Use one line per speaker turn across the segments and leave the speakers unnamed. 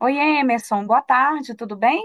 Oi, Emerson, boa tarde, tudo bem?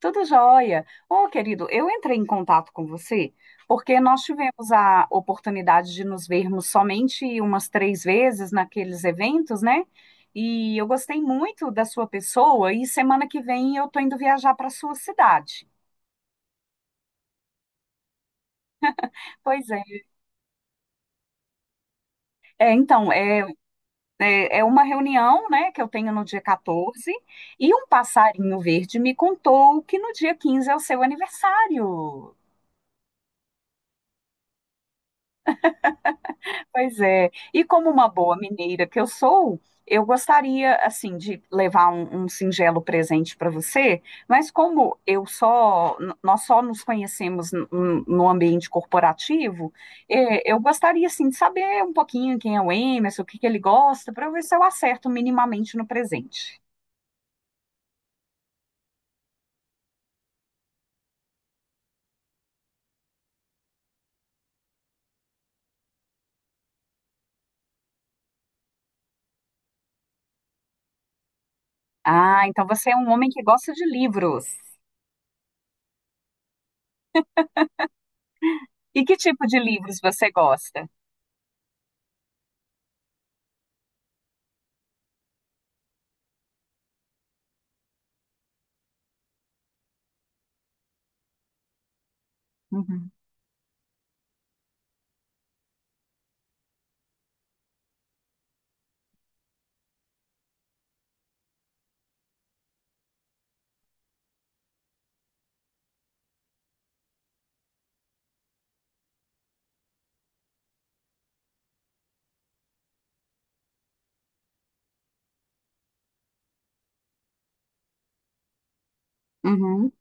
Tudo jóia. Ô, querido, eu entrei em contato com você porque nós tivemos a oportunidade de nos vermos somente umas três vezes naqueles eventos, né? E eu gostei muito da sua pessoa e semana que vem eu tô indo viajar para sua cidade. Pois é. Então, é uma reunião, né, que eu tenho no dia 14, e um passarinho verde me contou que no dia 15 é o seu aniversário. Pois é. E como uma boa mineira que eu sou, eu gostaria, assim, de levar um singelo presente para você, mas como eu só, nós só nos conhecemos no ambiente corporativo. Eu gostaria, assim, de saber um pouquinho quem é o Emerson, o que que ele gosta, para ver se eu acerto minimamente no presente. Ah, então você é um homem que gosta de livros. E que tipo de livros você gosta? Uhum. Uhum.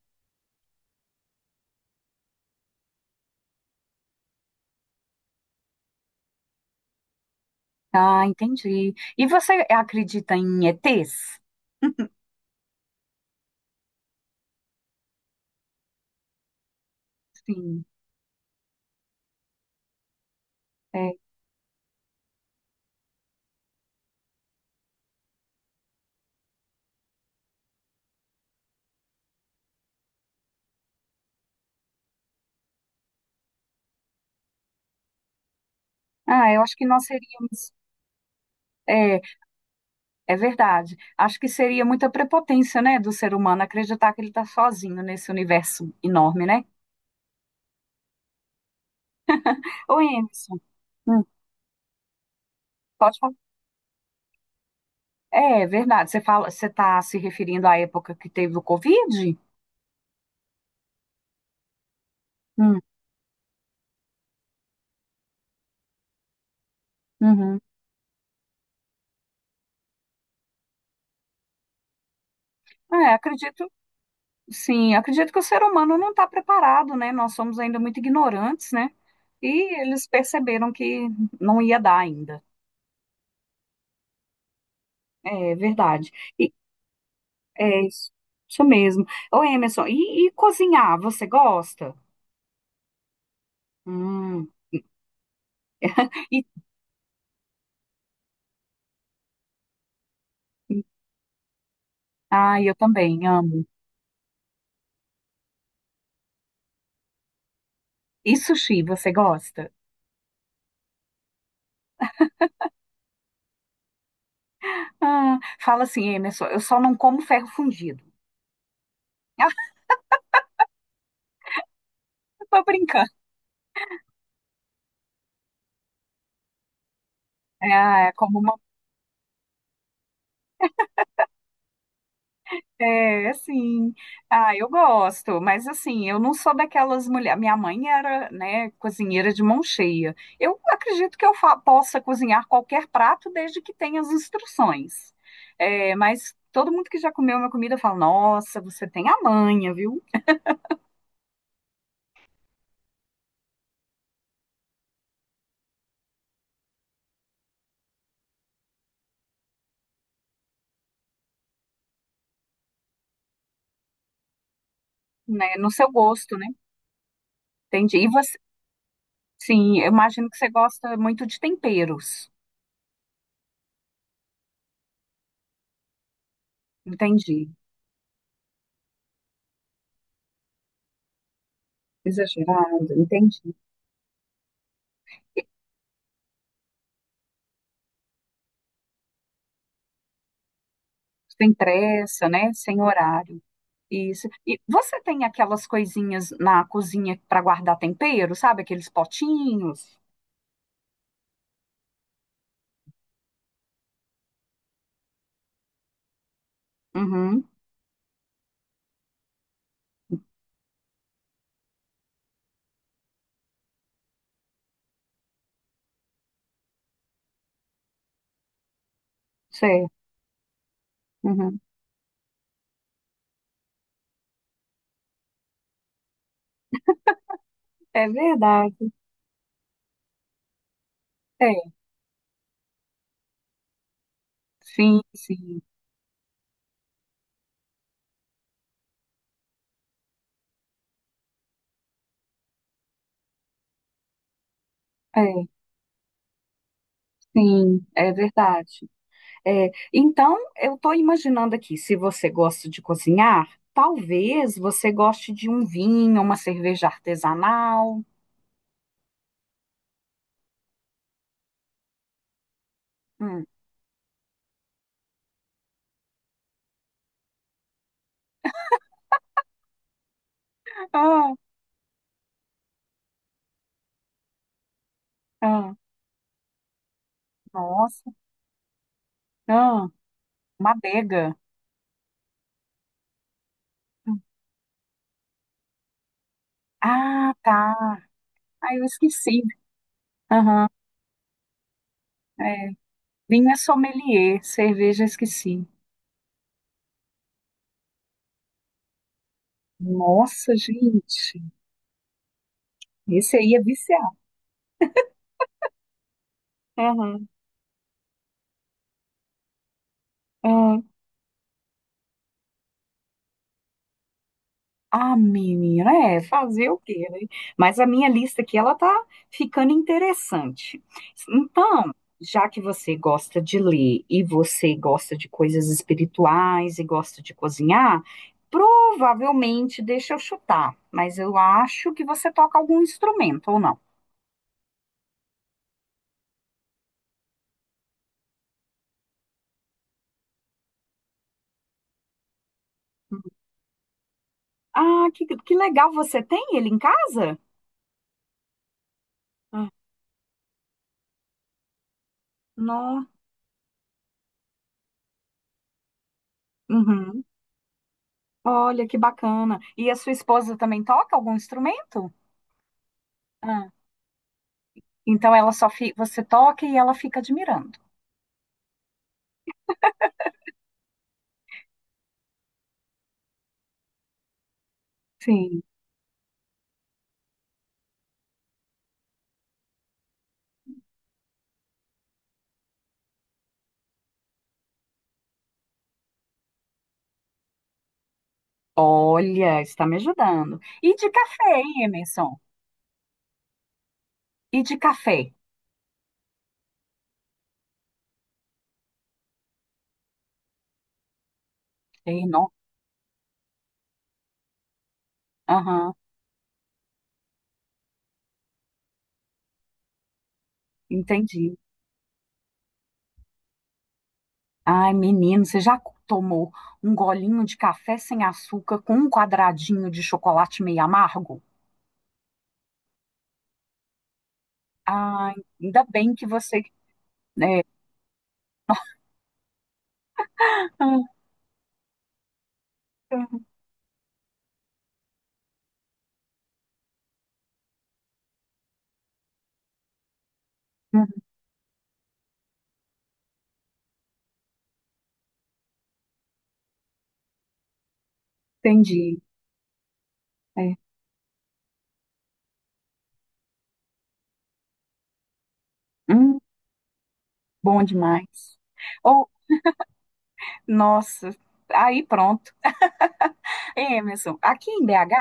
Ah, entendi. E você acredita em ETs? Sim, é. Ah, eu acho que nós seríamos. É, é verdade. Acho que seria muita prepotência, né, do ser humano acreditar que ele está sozinho nesse universo enorme, né? Ô, Emerson, hum, pode falar. É, é verdade. Você está se referindo à época que teve o Covid? Hum, uhum. É, acredito, sim, acredito que o ser humano não está preparado, né? Nós somos ainda muito ignorantes, né? E eles perceberam que não ia dar ainda. É verdade. É isso, isso mesmo. Ô, Emerson, e cozinhar, você gosta? Hum. E, ah, eu também amo. E sushi, você gosta? Ah, fala assim, Emerson, eu só não como ferro fundido. Tô brincando. É, é como uma. É, sim. Ah, eu gosto, mas assim, eu não sou daquelas mulheres. Minha mãe era, né, cozinheira de mão cheia. Eu acredito que eu possa cozinhar qualquer prato desde que tenha as instruções. É, mas todo mundo que já comeu minha comida fala: Nossa, você tem a manha, viu? Né, no seu gosto, né? Entendi. E você, sim, eu imagino que você gosta muito de temperos. Entendi. Exagerado, entendi. Sem pressa, né? Sem horário. Isso. E você tem aquelas coisinhas na cozinha para guardar tempero, sabe? Aqueles potinhos? Uhum, sei. Uhum. É verdade. É, sim, sim. É, sim, é verdade. É, então, eu estou imaginando aqui, se você gosta de cozinhar, talvez você goste de um vinho, uma cerveja artesanal. Hum. Ah, ah, ah, nossa, ah, uma adega. Hum. Ah, tá. Ah, eu esqueci. Aham. É. Vinho é sommelier, cerveja esqueci. Nossa, gente, esse aí é viciado. Aham, aham. Ah, menina, é fazer o quê, né? Mas a minha lista aqui, ela tá ficando interessante. Então, já que você gosta de ler e você gosta de coisas espirituais e gosta de cozinhar, provavelmente, deixa eu chutar, mas eu acho que você toca algum instrumento ou não. Ah, que legal, você tem ele em casa? Ah, nossa. Uhum. Olha que bacana. E a sua esposa também toca algum instrumento? Ah, então ela só. Você toca e ela fica admirando. Sim. Olha, está me ajudando. E de café, hein, Emerson? E de café? Ei, não. Aham, entendi. Ai, menino, você já tomou um golinho de café sem açúcar com um quadradinho de chocolate meio amargo? Ai, ainda bem que você. É. Ah, entendi. É. Hum. Bom demais. Ou, nossa, aí pronto. É, Emerson, aqui em BH,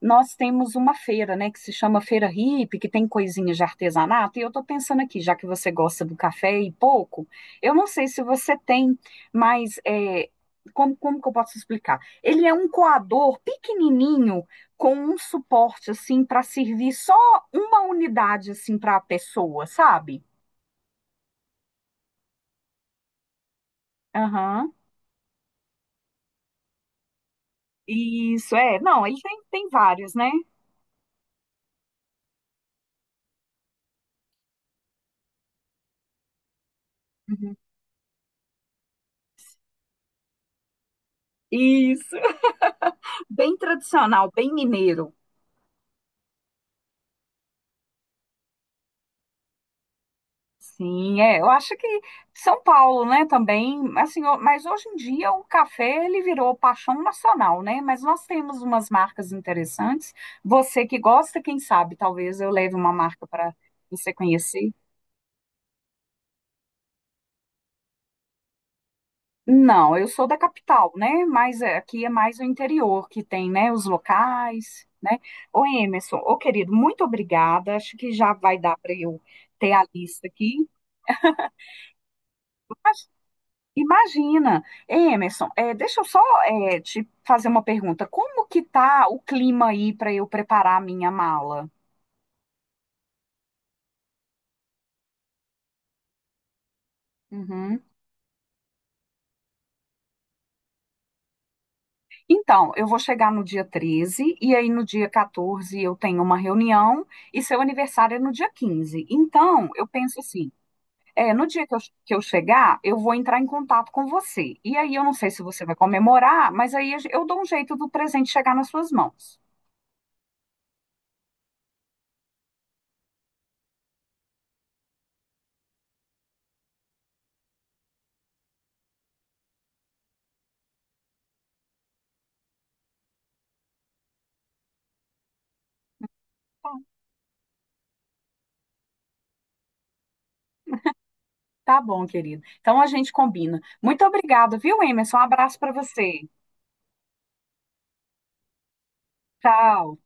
nós temos uma feira, né, que se chama Feira Hippie, que tem coisinhas de artesanato, e eu tô pensando aqui, já que você gosta do café e pouco, eu não sei se você tem, mas é, como que eu posso explicar? Ele é um coador pequenininho com um suporte, assim, para servir só uma unidade, assim, para a pessoa, sabe? Aham. Isso, é. Não, ele tem, vários, né? Uhum. Isso. Bem tradicional, bem mineiro. Sim, é. Eu acho que São Paulo, né, também, assim, ó, mas hoje em dia o café ele virou paixão nacional, né? Mas nós temos umas marcas interessantes. Você que gosta, quem sabe, talvez eu leve uma marca para você conhecer. Não, eu sou da capital, né? Mas é, aqui é mais o interior que tem, né? Os locais, né? Ô Emerson, ô querido, muito obrigada. Acho que já vai dar para eu ter a lista aqui. Imagina. Ei, Emerson, deixa eu só te fazer uma pergunta. Como que tá o clima aí para eu preparar a minha mala? Uhum. Então, eu vou chegar no dia 13 e aí no dia 14 eu tenho uma reunião e seu aniversário é no dia 15. Então, eu penso assim, no dia que eu chegar, eu vou entrar em contato com você. E aí eu não sei se você vai comemorar, mas aí eu dou um jeito do presente chegar nas suas mãos. Tá bom, querido. Então a gente combina. Muito obrigada, viu, Emerson? Um abraço para você. Tchau.